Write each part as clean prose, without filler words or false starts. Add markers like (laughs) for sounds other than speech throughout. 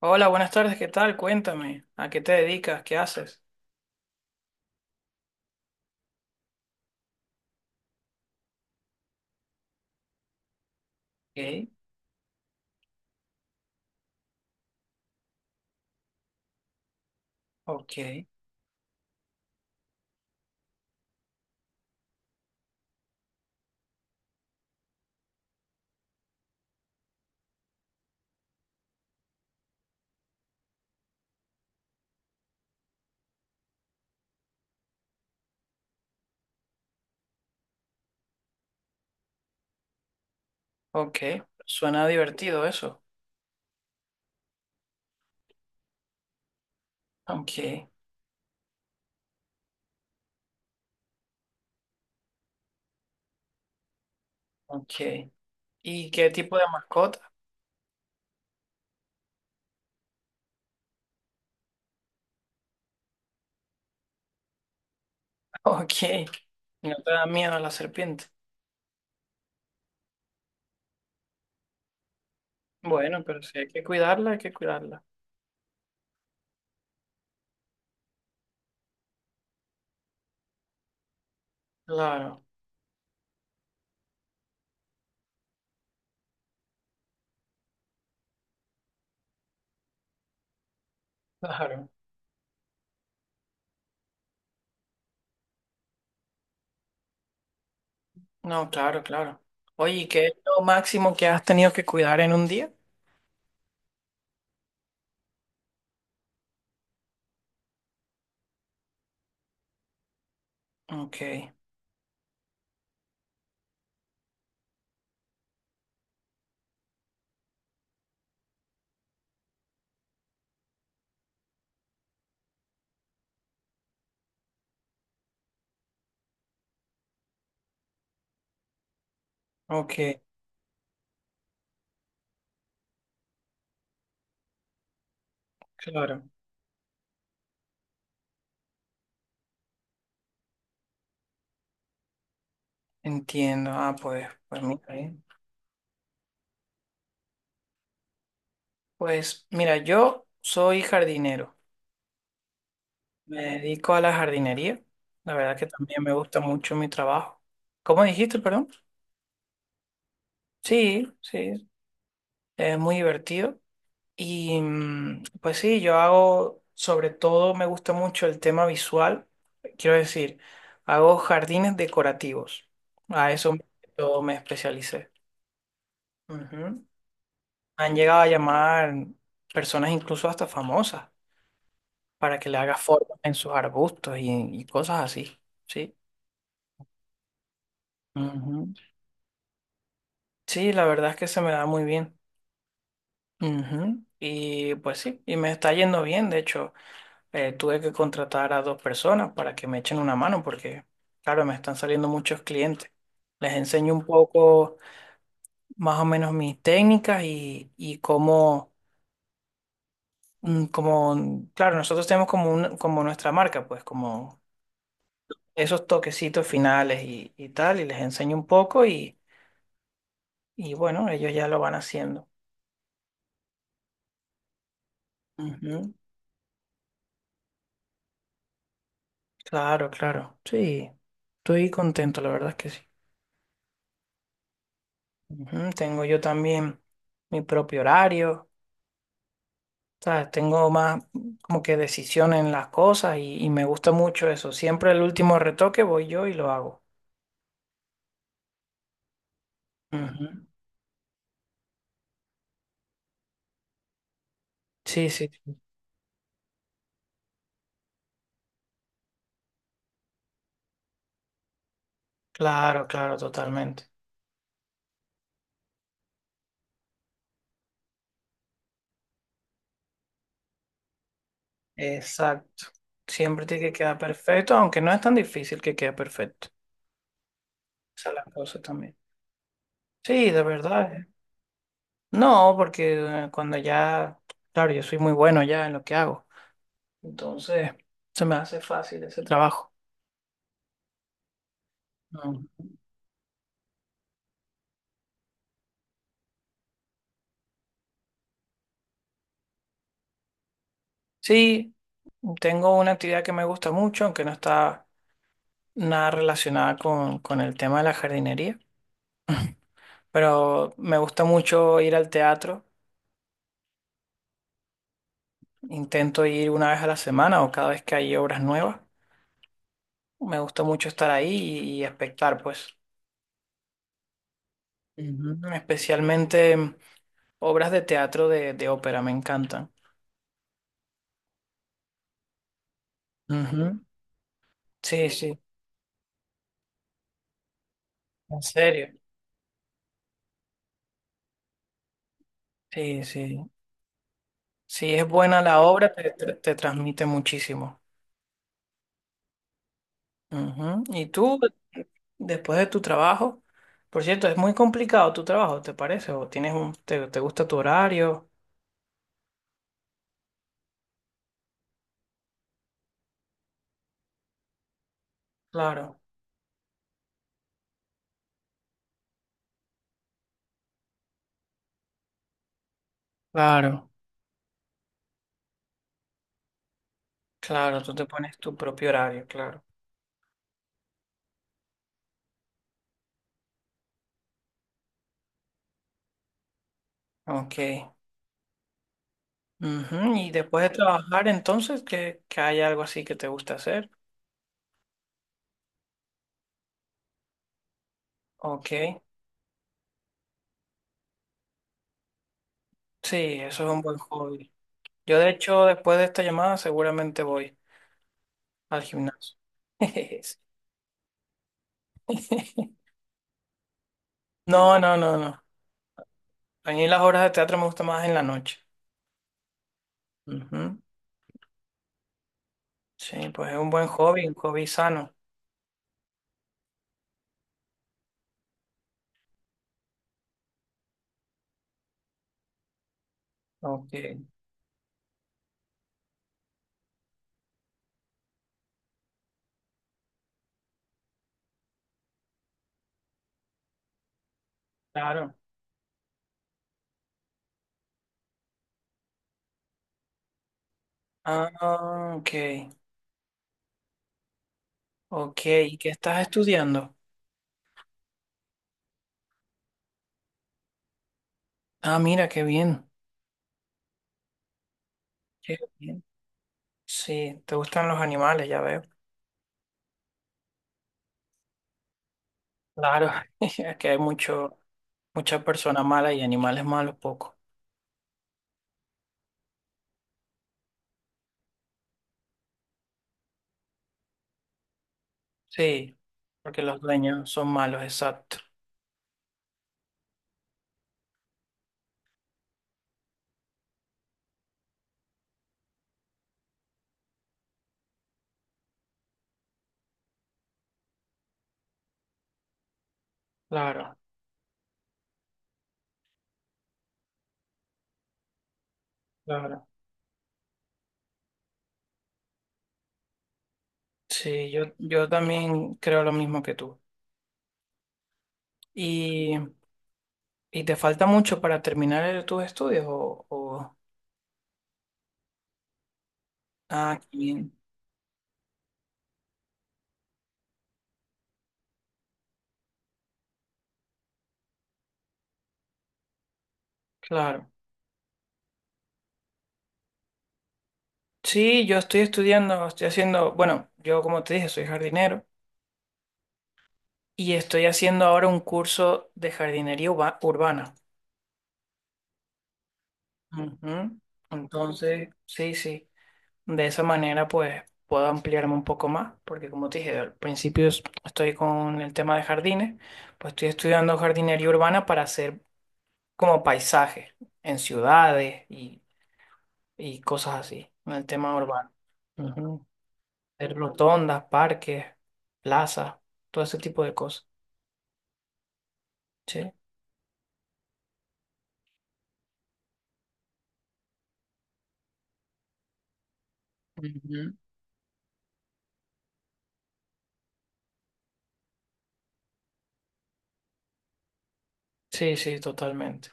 Hola, buenas tardes, ¿qué tal? Cuéntame, ¿a qué te dedicas? ¿Qué haces? Ok, ok, ok. Suena divertido eso. Ok, ok. ¿Y qué tipo de mascota? (laughs) Ok, no te da miedo la serpiente. Bueno, pero si hay que cuidarla, hay que cuidarla. Claro, claro. No, claro, claro. Oye, ¿y qué es lo máximo que has tenido que cuidar en un día? Ok, ok, claro. Entiendo. Ah, pues, pues mira, ¿eh? Pues mira, yo soy jardinero. Me dedico a la jardinería. La verdad que también me gusta mucho mi trabajo. ¿Cómo dijiste, perdón? Sí, sí, es muy divertido. Y pues sí, yo hago, sobre todo me gusta mucho el tema visual. Quiero decir, hago jardines decorativos. A eso me- yo me especialicé. Ujú. Han llegado a llamar personas incluso hasta famosas para que le haga formas en sus arbustos y cosas así. Sí. Ujú. Sí, la verdad es que se me da muy bien. Ujú. Y pues sí, y me está yendo bien. De hecho, tuve que contratar a dos personas para que me echen una mano porque, claro, me están saliendo muchos clientes. Les enseño un poco más o menos mis técnicas y cómo, como, claro, nosotros tenemos como, como nuestra marca, pues como esos toquecitos finales y tal, y les enseño un poco y bueno, ellos ya lo van haciendo. Claro, claro. Sí, estoy contento, la verdad es que sí. Ujú. Tengo yo también mi propio horario, ¿sabes? Tengo más como que decisión en las cosas y me gusta mucho eso. Siempre el último retoque voy yo y lo hago. Ujú. Sí, sí, sí. Claro, claro, totalmente. Exacto. Siempre tiene que quedar perfecto, aunque no es tan difícil que quede perfecto. Esa es la cosa también. Sí, de verdad. No, porque cuando ya, claro, yo soy muy bueno ya en lo que hago. Entonces, se me hace fácil ese trabajo. Mm. Sí, tengo una actividad que me gusta mucho, aunque no está nada relacionada con el tema de la jardinería, pero me gusta mucho ir al teatro. Intento ir una vez a la semana o cada vez que hay obras nuevas. Me gusta mucho estar ahí y espectar, pues. Ujú. Especialmente obras de teatro de ópera, me encantan. Ujú. Sí, sí, en serio. Sí, sí. Si es buena la obra, te transmite muchísimo. Ujú. Y tú, después de tu trabajo, por cierto, es muy complicado tu trabajo, ¿te parece? ¿O tienes te gusta tu horario? Claro, claro, claro, tú te pones tu propio horario, claro. Ok. Ujú. Y después de trabajar, entonces, que hay algo así que te gusta hacer. Ok. Sí, eso es un buen hobby. Yo, de hecho, después de esta llamada, seguramente voy al gimnasio. (laughs) No, no, no, no. A mí las obras de teatro me gustan más en la noche. Ujú. Sí, pues es un buen hobby, un hobby sano. Ok, claro. Ah, ok, ok. ¿Y qué estás estudiando? Ah, mira, qué bien. Qué bien. Sí, te gustan los animales, ya veo. Claro, (laughs) es que hay mucho, muchas personas malas y animales malos poco. Sí, porque los dueños son malos, exacto. Claro, claro. Sí, yo también creo lo mismo que tú. Y ¿y te falta mucho para terminar tus estudios? O- Ah, qué bien, claro. Sí, yo estoy estudiando, estoy haciendo, bueno, yo como te dije, soy jardinero y estoy haciendo ahora un curso de jardinería urbana. Ujú. Entonces, sí, sí, de esa manera pues puedo ampliarme un poco más, porque como te dije, al principio estoy con el tema de jardines, pues estoy estudiando jardinería urbana para hacer como paisajes en ciudades y cosas así, en el tema urbano. Ujú. Hacer rotondas, parques, plazas, todo ese tipo de cosas. Sí, ujú. Sí, sí, totalmente.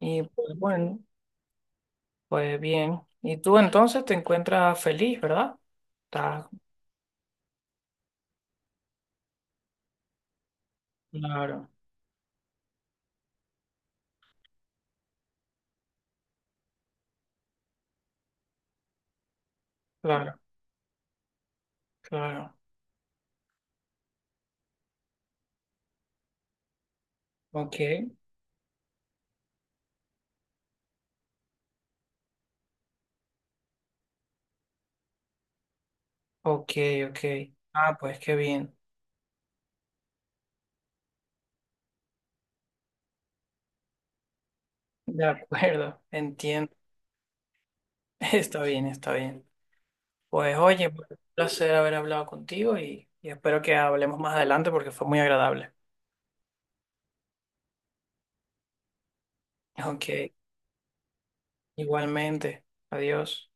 Y pues bueno, pues bien. Y tú entonces te encuentras feliz, ¿verdad? Estás- Claro, claro, claro. Ok, ok, ok. Ah, pues qué bien. De acuerdo, entiendo. (laughs) Está bien, está bien. Pues oye, un placer haber hablado contigo y espero que hablemos más adelante porque fue muy agradable. Ok, igualmente. Adiós.